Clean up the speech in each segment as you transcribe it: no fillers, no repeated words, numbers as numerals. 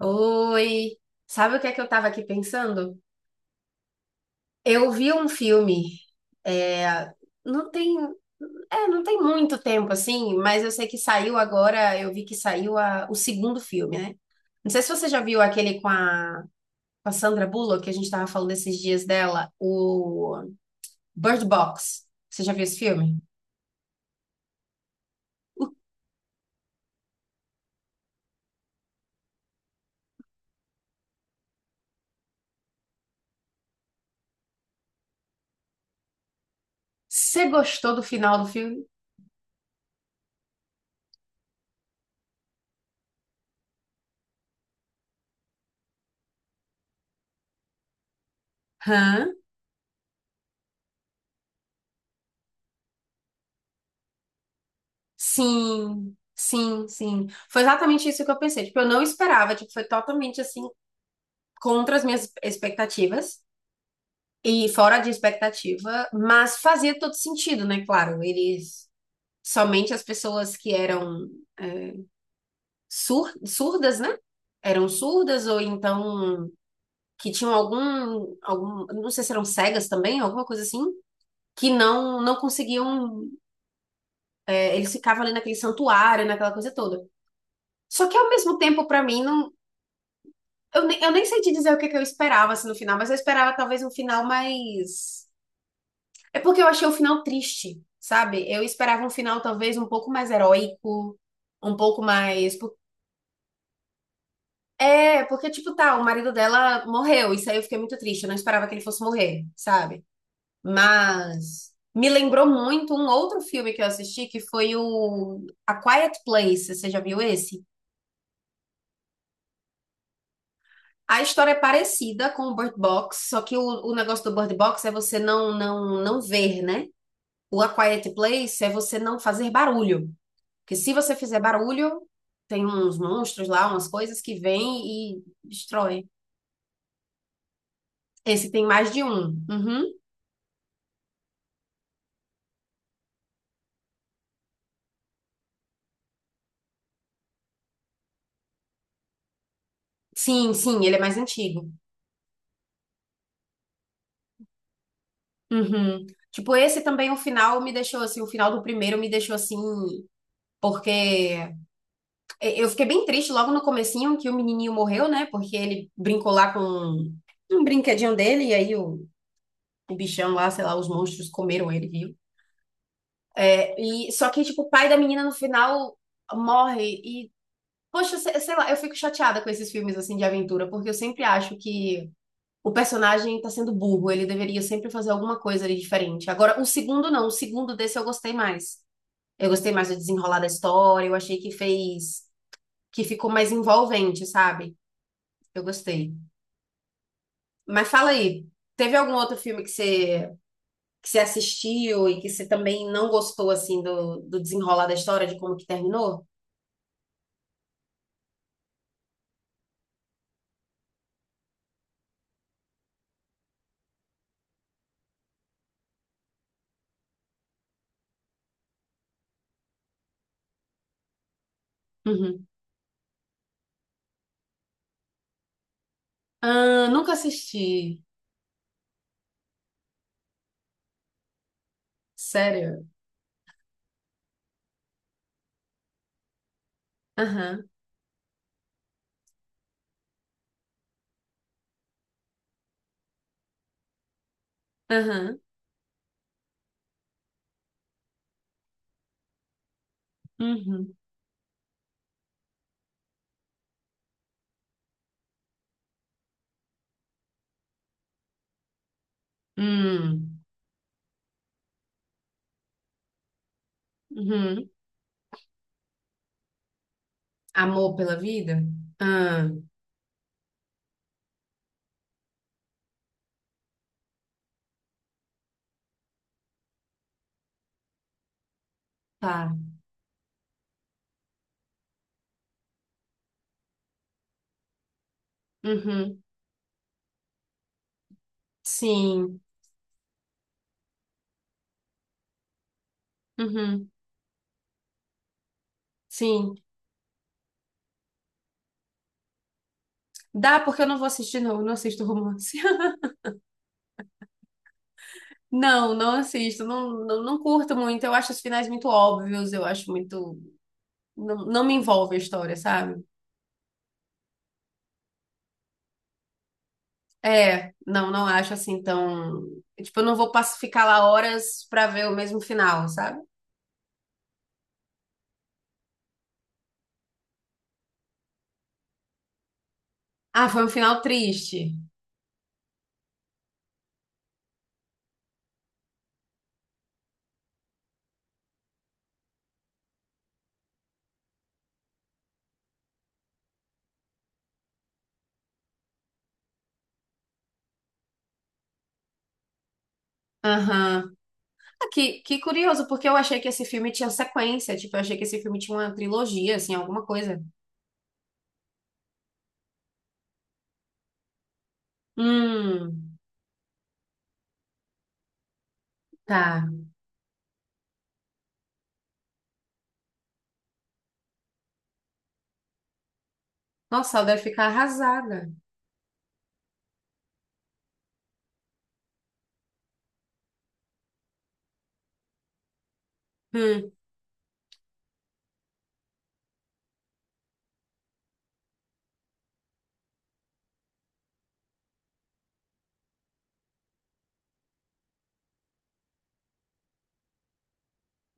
Oi, sabe o que é que eu tava aqui pensando? Eu vi um filme, é, não tem, não tem muito tempo assim, mas eu sei que saiu agora, eu vi que saiu o segundo filme, né? Não sei se você já viu aquele com com a Sandra Bullock, que a gente tava falando esses dias dela, o Bird Box. Você já viu esse filme? Você gostou do final do filme? Hã? Sim, sim, sim. Foi exatamente isso que eu pensei. Tipo, eu não esperava, tipo, foi totalmente assim contra as minhas expectativas e fora de expectativa, mas fazia todo sentido, né? Claro, eles somente as pessoas que eram é, surdas, né? Eram surdas ou então que tinham algum, algum, não sei se eram cegas também, alguma coisa assim, que não conseguiam, é, eles ficavam ali naquele santuário, naquela coisa toda. Só que ao mesmo tempo, pra mim, não, eu nem sei te dizer o que que eu esperava assim, no final, mas eu esperava talvez um final mais. É porque eu achei o final triste, sabe? Eu esperava um final talvez um pouco mais heróico, um pouco mais. É, porque, tipo, tá, o marido dela morreu, isso aí eu fiquei muito triste, eu não esperava que ele fosse morrer, sabe? Mas me lembrou muito um outro filme que eu assisti, que foi o A Quiet Place, você já viu esse? A história é parecida com o Bird Box, só que o negócio do Bird Box é você não ver, né? O A Quiet Place é você não fazer barulho. Porque se você fizer barulho, tem uns monstros lá, umas coisas que vêm e destroem. Esse tem mais de um. Uhum. Sim, sim, ele é mais antigo. Uhum. Tipo, esse também, o final me deixou assim, o final do primeiro me deixou assim, porque eu fiquei bem triste logo no comecinho que o menininho morreu, né? Porque ele brincou lá com um brinquedinho dele e aí o bichão lá, sei lá, os monstros comeram ele, viu? É, e só que tipo, o pai da menina no final morre. Poxa, sei, sei lá, eu fico chateada com esses filmes assim de aventura, porque eu sempre acho que o personagem tá sendo burro, ele deveria sempre fazer alguma coisa ali diferente. Agora, o segundo não, o segundo desse eu gostei mais. Eu gostei mais do desenrolar da história, eu achei que fez, que ficou mais envolvente, sabe? Eu gostei. Mas fala aí, teve algum outro filme que você assistiu e que você também não gostou assim do desenrolar da história, de como que terminou? Uhum. Ah, nunca assisti. Sério? Aham, aham. Uhum. Hum. Uhum. Amor pela vida? Ah, tá. Uhum. Sim. Uhum. Sim. Dá porque eu não vou assistir, não. Eu não assisto romance. Não, não assisto. Não, não, não curto muito. Eu acho os finais muito óbvios. Eu acho muito. Não, não me envolve a história, sabe? É. Não, não acho assim tão. Tipo, eu não vou ficar lá horas pra ver o mesmo final, sabe? Ah, foi um final triste. Aham. Ah, que curioso, porque eu achei que esse filme tinha sequência, tipo, eu achei que esse filme tinha uma trilogia, assim, alguma coisa. Hum, tá. Nossa, ela deve ficar arrasada. Hum,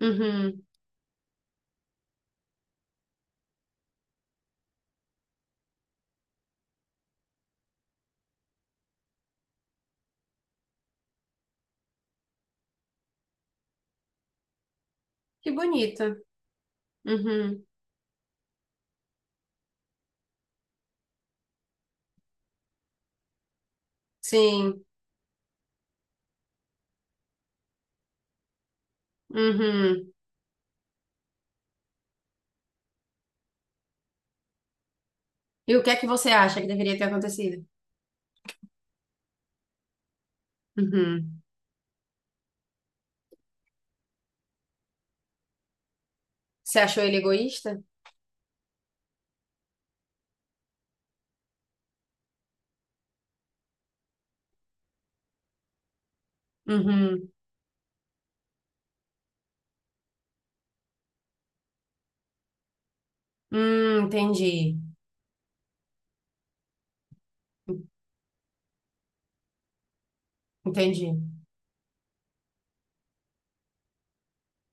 uhum. Que bonita. Uhum. Sim. Uhum. E o que é que você acha que deveria ter acontecido? Uhum. Você achou ele egoísta? Uhum. Entendi. Entendi.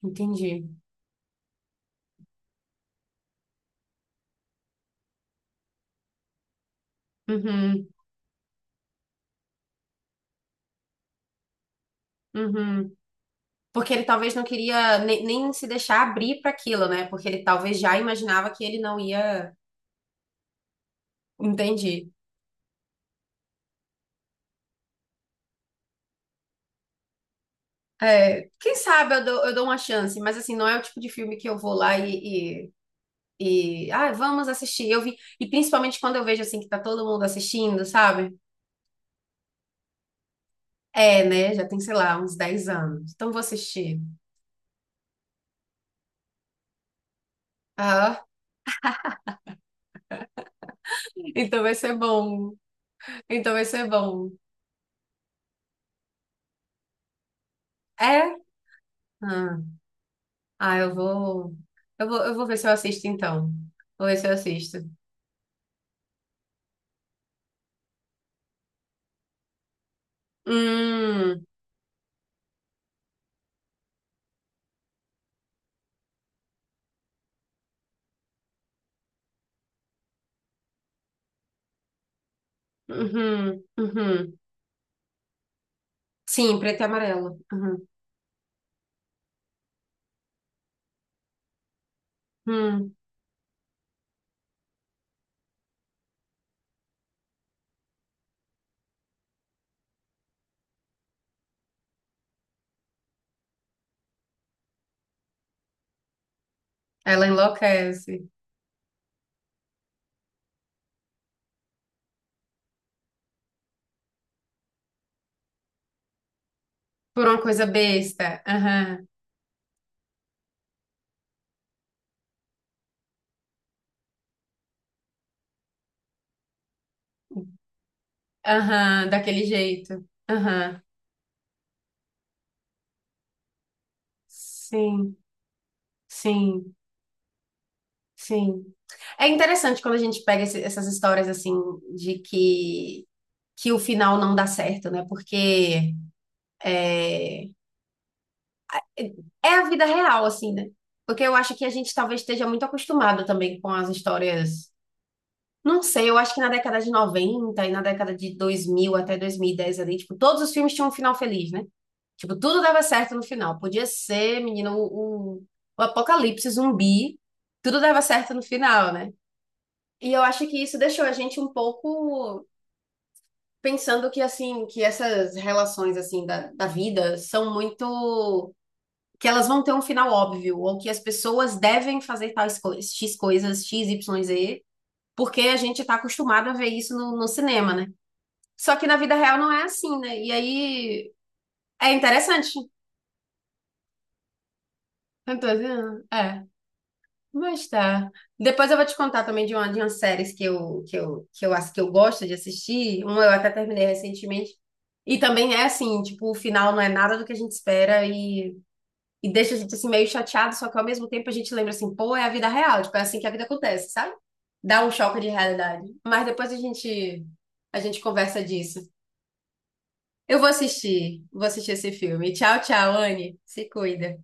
Entendi. Uhum. Uhum. Porque ele talvez não queria nem se deixar abrir para aquilo, né? Porque ele talvez já imaginava que ele não ia. Entendi. É, quem sabe eu dou uma chance, mas assim, não é o tipo de filme que eu vou lá e, ah, vamos assistir. Eu vi, e principalmente quando eu vejo assim que tá todo mundo assistindo, sabe? É, né? Já tem, sei lá, uns 10 anos. Então vou assistir. Ah, então vai ser bom. Então vai ser bom. É? Ah, ah, eu vou ver se eu assisto então. Vou ver se eu assisto. Hum, uhum, uhum. Sim, preto e amarelo. Uhum, uhum. Ela enlouquece por uma coisa besta. Aham, aham, daquele jeito. Aham. Sim, sim, sim. É interessante quando a gente pega essas histórias assim de que o final não dá certo, né? Porque é, é é a vida real, assim, né? Porque eu acho que a gente talvez esteja muito acostumado também com as histórias. Não sei, eu acho que na década de 90 e na década de 2000 até 2010 ali, tipo, todos os filmes tinham um final feliz, né? Tipo, tudo dava certo no final. Podia ser, menina, o apocalipse zumbi, tudo dava certo no final, né? E eu acho que isso deixou a gente um pouco pensando que, assim, que essas relações, assim, da vida são muito... que elas vão ter um final óbvio, ou que as pessoas devem fazer tais coisas, X coisas, X, Y, Z, porque a gente tá acostumado a ver isso no cinema, né? Só que na vida real não é assim, né? E aí é interessante. Eu tô dizendo, é, mas tá. Depois eu vou te contar também de uma, de umas séries que eu acho que eu gosto de assistir. Uma eu até terminei recentemente. E também é assim, tipo, o final não é nada do que a gente espera e deixa a gente assim meio chateado, só que ao mesmo tempo a gente lembra assim, pô, é a vida real, tipo, é assim que a vida acontece, sabe? Dá um choque de realidade. Mas depois a gente conversa disso. Vou assistir esse filme. Tchau, tchau, Anne. Se cuida.